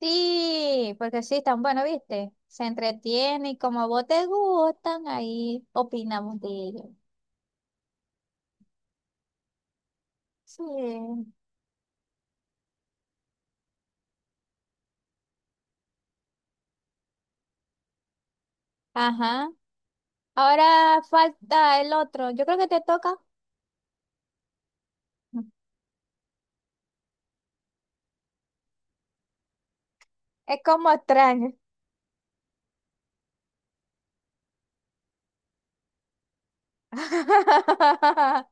Sí, porque sí, están bueno, ¿viste? Se entretiene y como a vos te gustan, ahí opinamos de ellos. Sí. Ajá. Ahora falta el otro. Yo creo que te toca. Es como extraño.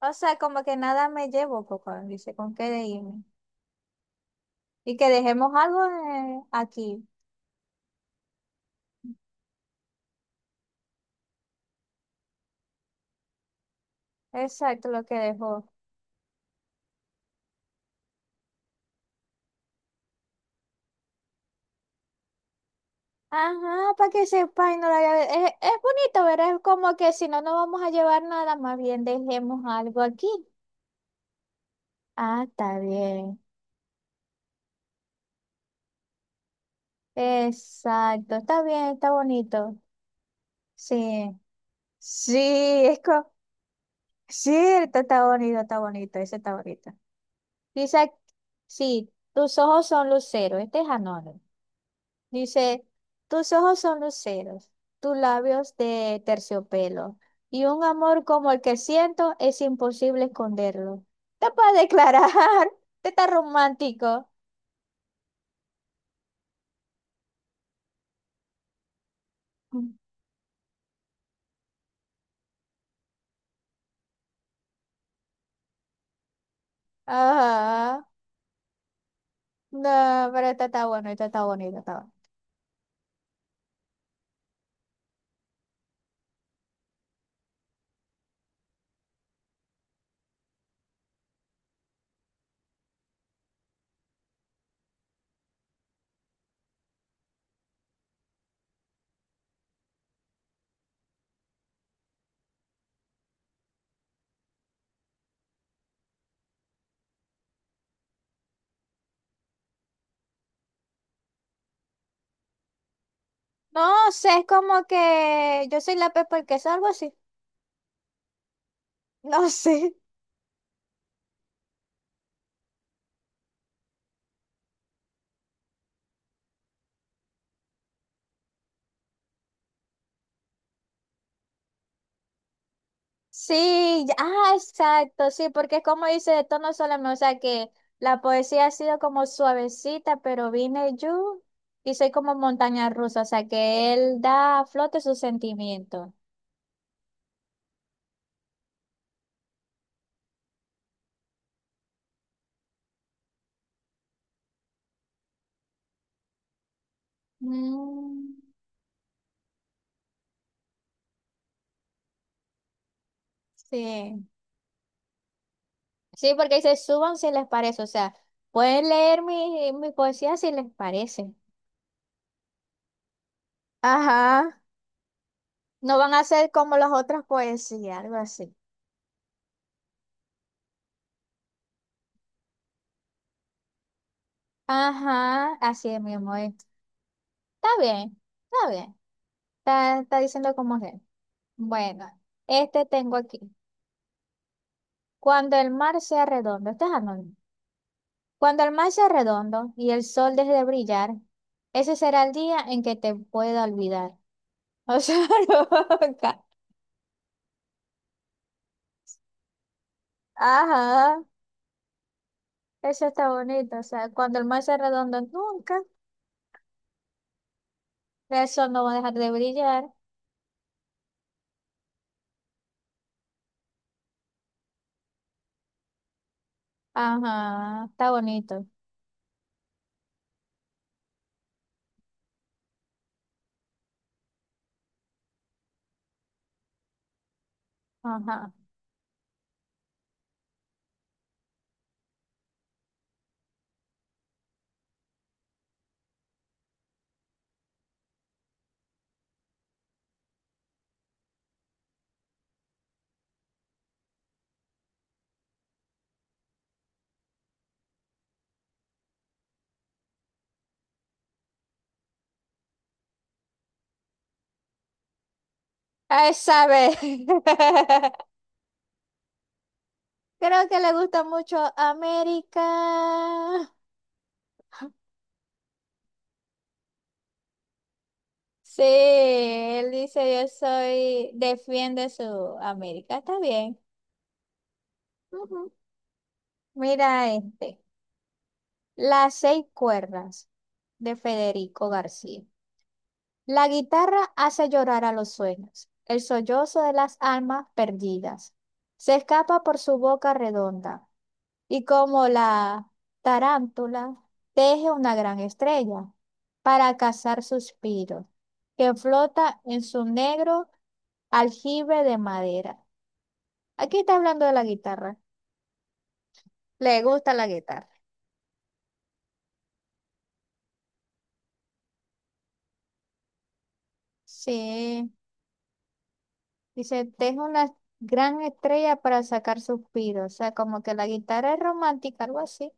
O sea, como que nada me llevo, poco, dice, ¿con qué de irme? Y que dejemos algo aquí. Exacto, lo que dejó. Ajá, para que sepa y no la llave. Es bonito, ¿verdad? Es como que si no vamos a llevar nada, más bien dejemos algo aquí. Ah, está bien. Exacto, está bien, está bonito. Sí, sí, es co- cierto, está bonito, ese está bonito. Dice, sí, tus ojos son luceros, este es anónimo. Dice, tus ojos son luceros, tus labios de terciopelo, y un amor como el que siento es imposible esconderlo. Te puedes declarar, te está romántico. Ajá. No, pero esta está bueno, esta está bonita, está bueno. No sé, es como que yo soy la Pepa el queso, algo así. No sé. Sí, exacto, sí, porque como dice, de tono solamente, o sea que la poesía ha sido como suavecita, pero vine yo y soy como montaña rusa, o sea que él da a flote sus sentimientos. Mm, sí, sí, porque dice, suban si les parece, o sea, pueden leer mi poesía si les parece. Ajá, no van a ser como las otras poesías, algo así. Ajá, así es mismo, Está bien, está bien, está, está diciendo como es. Bueno, este tengo aquí. Cuando el mar sea redondo, este es anónimo. Cuando el mar sea redondo y el sol deje de brillar, ese será el día en que te pueda olvidar. O sea, nunca. Ajá, eso está bonito. O sea, cuando el mar sea redondo, nunca. El sol no va a dejar de brillar. Ajá, está bonito. Ajá. Esa vez. Creo que le gusta mucho América. Sí, él dice yo soy, defiende su América. Está bien. Ujú. Mira este, Las Seis Cuerdas de Federico García. La guitarra hace llorar a los sueños, el sollozo de las almas perdidas. Se escapa por su boca redonda y como la tarántula teje una gran estrella para cazar suspiros que flota en su negro aljibe de madera. Aquí está hablando de la guitarra. Le gusta la guitarra. Sí, dice, teje una gran estrella para sacar suspiros. O sea, como que la guitarra es romántica, algo así.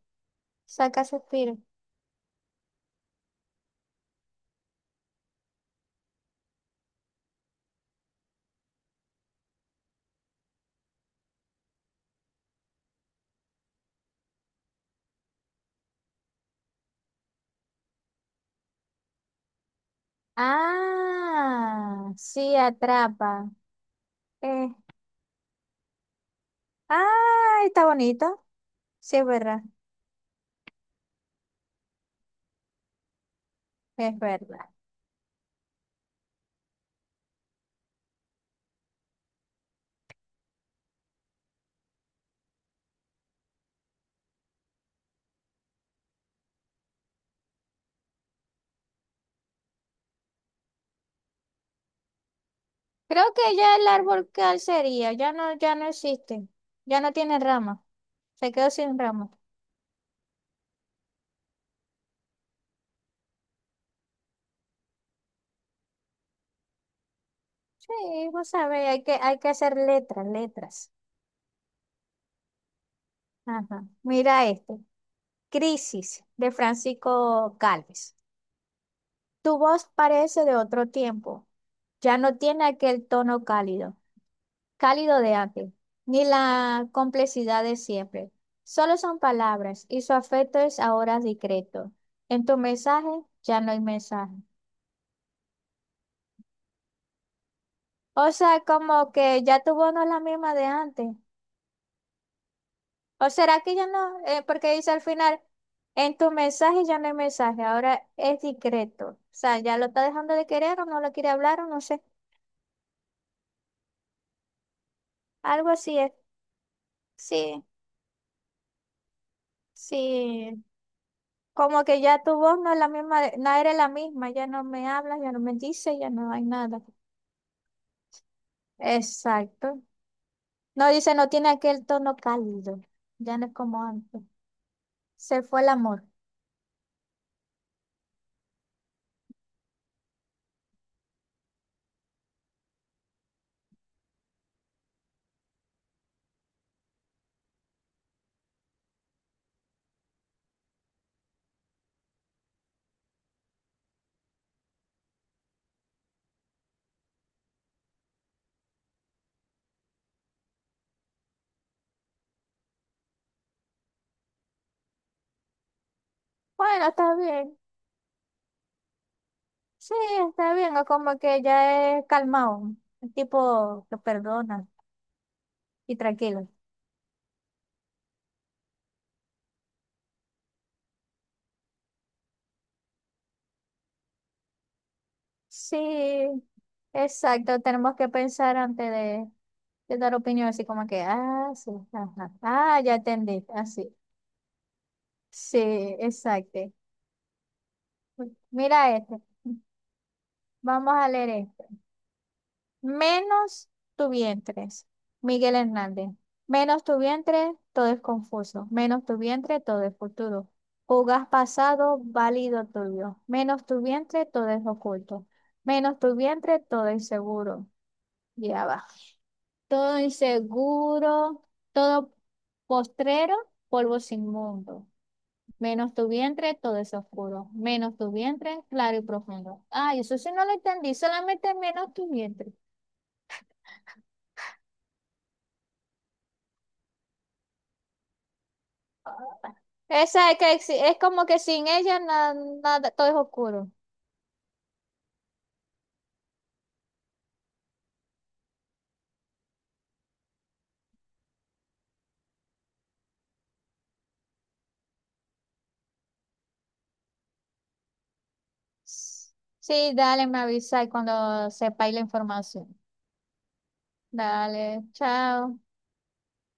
Saca suspiro. Ah, sí, atrapa. Eh, está bonito. Sí, es verdad, es verdad. Creo que ya el árbol cal sería, ya no, ya no existe. Ya no tiene ramas. Se quedó sin ramas. Sí, vos sabés, hay que hacer letras, letras. Ajá. Mira este. Crisis, de Francisco Calves. Tu voz parece de otro tiempo. Ya no tiene aquel tono cálido. Cálido de antes, ni la complejidad de siempre. Solo son palabras y su afecto es ahora discreto. En tu mensaje ya no hay mensaje. O sea, como que ya tu voz no es la misma de antes. ¿O será que ya no? Porque dice al final, en tu mensaje ya no hay mensaje, ahora es discreto. O sea, ya lo está dejando de querer o no lo quiere hablar o no sé. Algo así es. Sí, sí, como que ya tu voz no es la misma, no era la misma, ya no me hablas, ya no me dices, ya no hay nada. Exacto. No dice, no tiene aquel tono cálido, ya no es como antes. Se fue el amor. Bueno, está bien. Sí, está bien, o como que ya es calmado, el tipo que perdona y tranquilo. Sí, exacto, tenemos que pensar antes de dar opinión, así como que, ah, sí, ajá, ah, ya entendí, así. Sí, exacto. Mira este. Vamos a leer este. Menos tu vientre, Miguel Hernández. Menos tu vientre, todo es confuso. Menos tu vientre, todo es futuro. Jugas pasado, válido tuyo. Menos tu vientre, todo es oculto. Menos tu vientre, todo es seguro. Ya va. Todo inseguro, todo postrero, polvo sin mundo. Menos tu vientre, todo es oscuro. Menos tu vientre, claro y profundo. Ay, eso sí no lo entendí, solamente menos tu vientre. Esa es que es como que sin ella nada, todo es oscuro. Sí, dale, me avisa y cuando sepáis la información. Dale, chao.